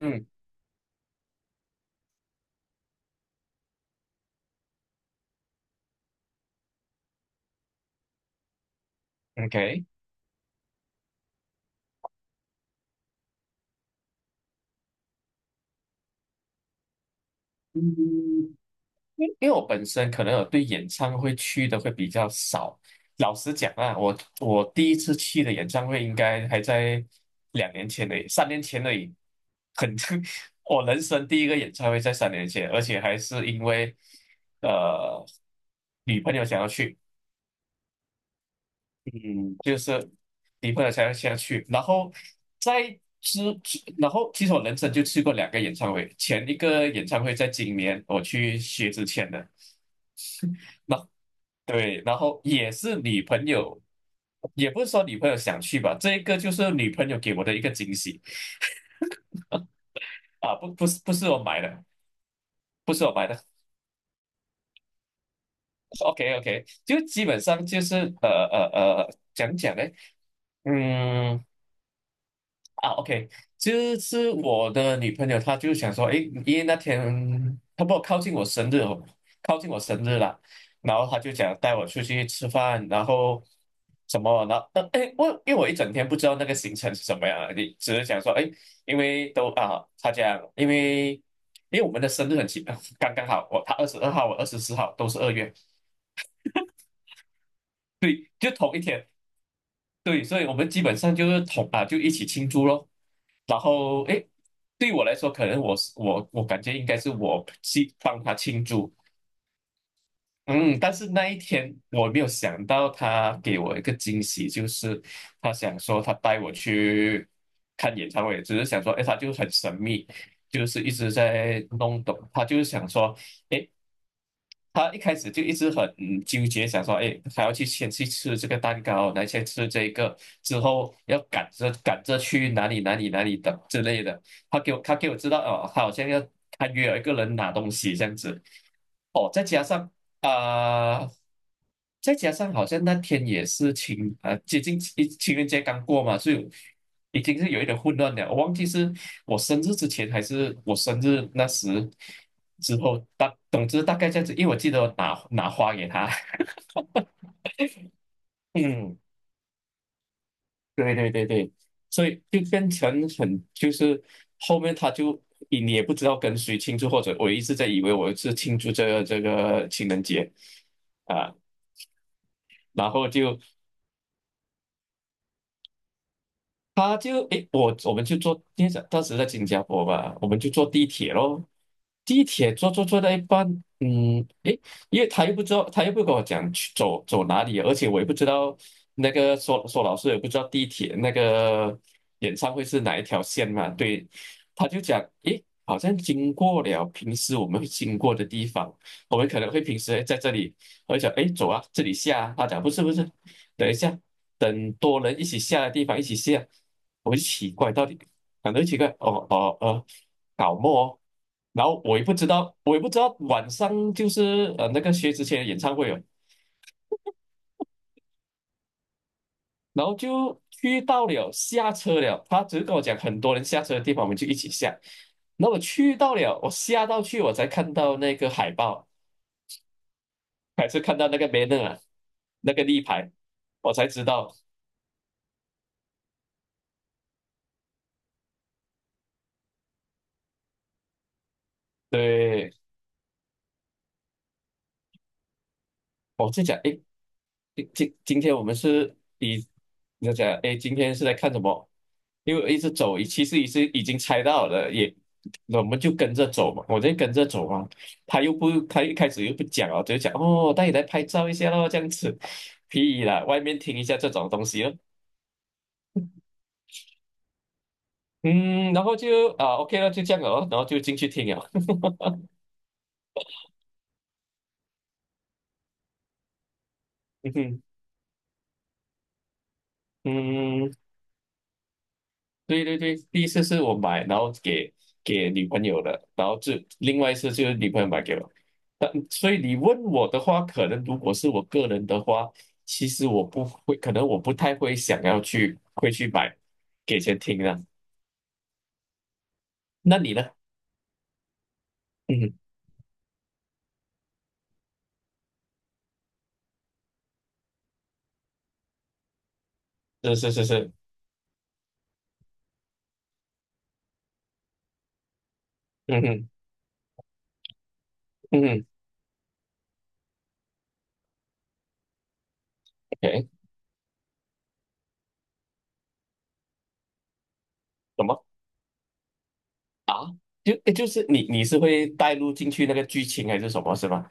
嗯，OK，嗯，因为我本身可能有对演唱会去的会比较少。老实讲啊，我第一次去的演唱会应该还在2年前的，三年前的，已。很，我人生第一个演唱会在三年前，而且还是因为呃女朋友想要去，嗯，就是离朋了才下去，然后在之，然后其实我人生就去过2个演唱会，前一个演唱会在今年我去薛之谦的，对，然后也是女朋友，也不是说女朋友想去吧，这一个就是女朋友给我的一个惊喜啊，不是不是我买的，不是我买的，OK OK，就基本上就是呃呃讲讲呢，嗯。啊，OK，就是我的女朋友，她就想说，诶，因为那天差不多靠近我生日哦，靠近我生日了，然后她就想带我出去吃饭，然后什么，然后但诶，因为我一整天不知道那个行程是什么样的，你只是想说，诶，因为都啊，她讲，因为我们的生日很奇，刚刚好，我她22号，我24号，都是2月，对，就同一天，对，所以我们基本上就是同啊，就一起庆祝咯。然后诶，对我来说，可能我是我我感觉应该是我去帮他庆祝，嗯，但是那一天我没有想到他给我一个惊喜，就是他想说他带我去看演唱会，只是想说，诶，他就很神秘，就是一直在弄懂，他就是想说，诶，他一开始就一直很纠结，想说，哎，还要去先去吃这个蛋糕，来先吃这个，之后要赶着赶着去哪里哪里哪里等之类的。他给我知道哦，他好像要他约了一个人拿东西这样子，哦，再加上啊、呃再加上好像那天也是接近情人节刚过嘛，所以已经是有一点混乱了。我忘记是我生日之前还是我生日那时之后，总之大概这样子，因为我记得我拿花给他，嗯，对对对对，所以就变成很就是后面他就你也不知道跟谁庆祝，或者我一直在以为我是庆祝这个情人节啊。然后就他就诶，我们就坐，因为在当时在新加坡嘛，我们就坐地铁咯。地铁坐到一半，嗯，诶，因为他又不知道，他又不跟我讲去走走哪里，而且我也不知道那个说说老师也不知道地铁那个演唱会是哪一条线嘛，对，他就讲，诶，好像经过了平时我们会经过的地方，我们可能会平时诶在这里，我就讲，诶，走啊，这里下啊，他讲不是不是，等一下。等多人一起下的地方一起下，我就奇怪到底，感觉奇怪，哦哦哦，搞么哦然后我也不知道，我也不知道晚上就是那个薛之谦的演唱会哦，然后就去到了下车了，他只是跟我讲很多人下车的地方，我们就一起下。那我去到了，我下到去我才看到那个海报，还是看到那个 banner 啊，那个立牌，我才知道，对，我在讲，诶，今天我们是以你就讲，哎，今天是在看什么？因为我一直走，其实已经猜到了，也我们就跟着走嘛，我就跟着走嘛。他又不，他一开始又不讲哦，就讲哦，带你来拍照一下咯，这样子，屁啦，外面听一下这种东西咯。嗯，然后就啊，OK 了，就这样了哦，然后就进去听了。嗯哼，嗯。对对对，第一次是我买，然后给女朋友的，然后就另外一次就是女朋友买给我。但所以你问我的话，可能如果是我个人的话，其实我不会，可能我不太会想要去会去买给钱听的。那你呢？嗯，是是是是，嗯哼嗯哼，o k 什么啊？就诶就是你是会带入进去那个剧情还是什么，是吗？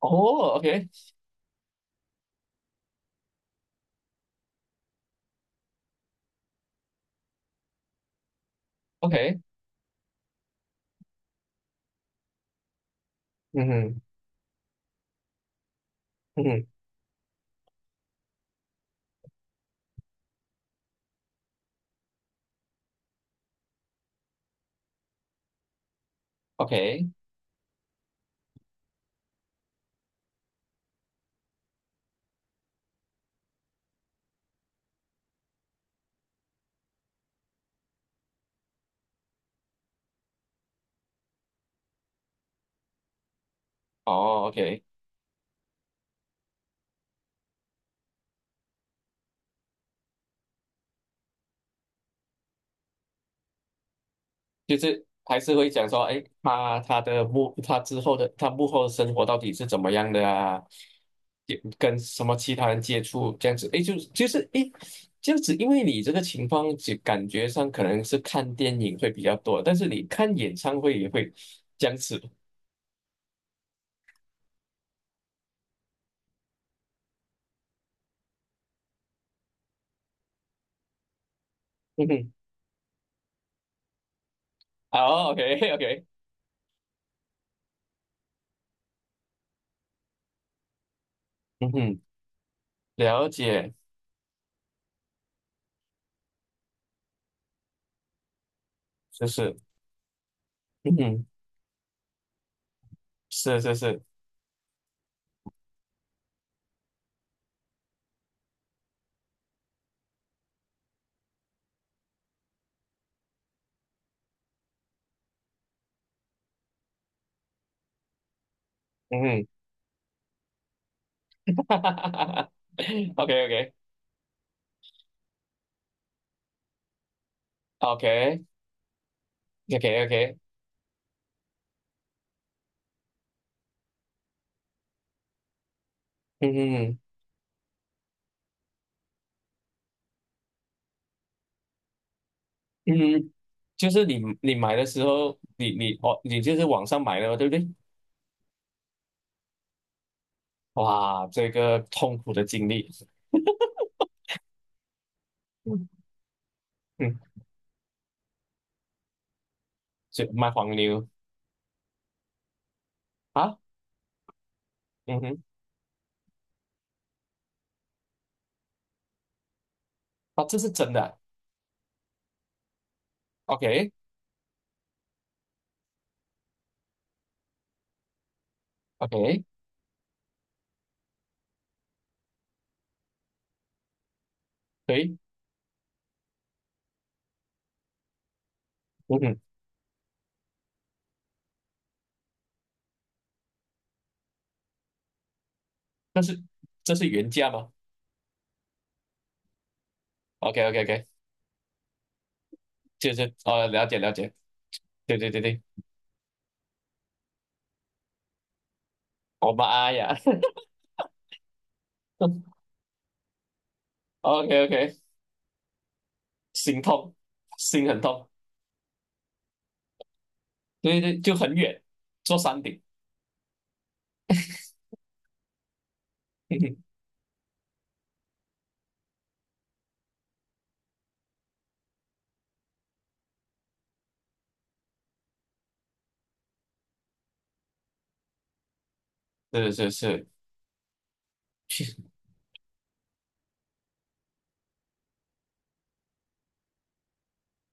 哦，OK OK，嗯哼嗯哼，OK，哦，OK。就是还是会讲说，哎，他他的幕他之后的他幕后的生活到底是怎么样的啊？也跟什么其他人接触这样子，哎，就是哎，诶这样子，因为你这个情况就感觉上可能是看电影会比较多，但是你看演唱会也会这样子。嗯哼，好，OK OK，嗯哼，了解，就是，嗯哼，是是是，嗯哼，哈哈哈哈哈，OK OK OK OK OK，嗯哼。嗯，就是你买的时候，你哦，你就是网上买的嘛，对不对？哇，这个痛苦的经历，嗯嗯，就以卖黄牛啊，嗯哼，啊，这是真的 o k OK，对，嗯哼，但是这是原价吗？OK OK OK，就是哦，了解了解，对对对对，我妈呀 ，OK OK，心痛，心很痛，对对，就很远，坐山顶，是是是。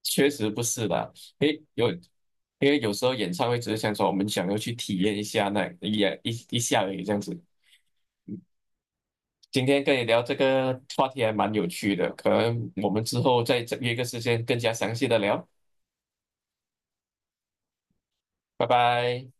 确实不是的，诶，有，因为有时候演唱会只是想说我们想要去体验一下那一下而已这样子。今天跟你聊这个话题还蛮有趣的，可能我们之后再约个时间更加详细的聊，拜拜。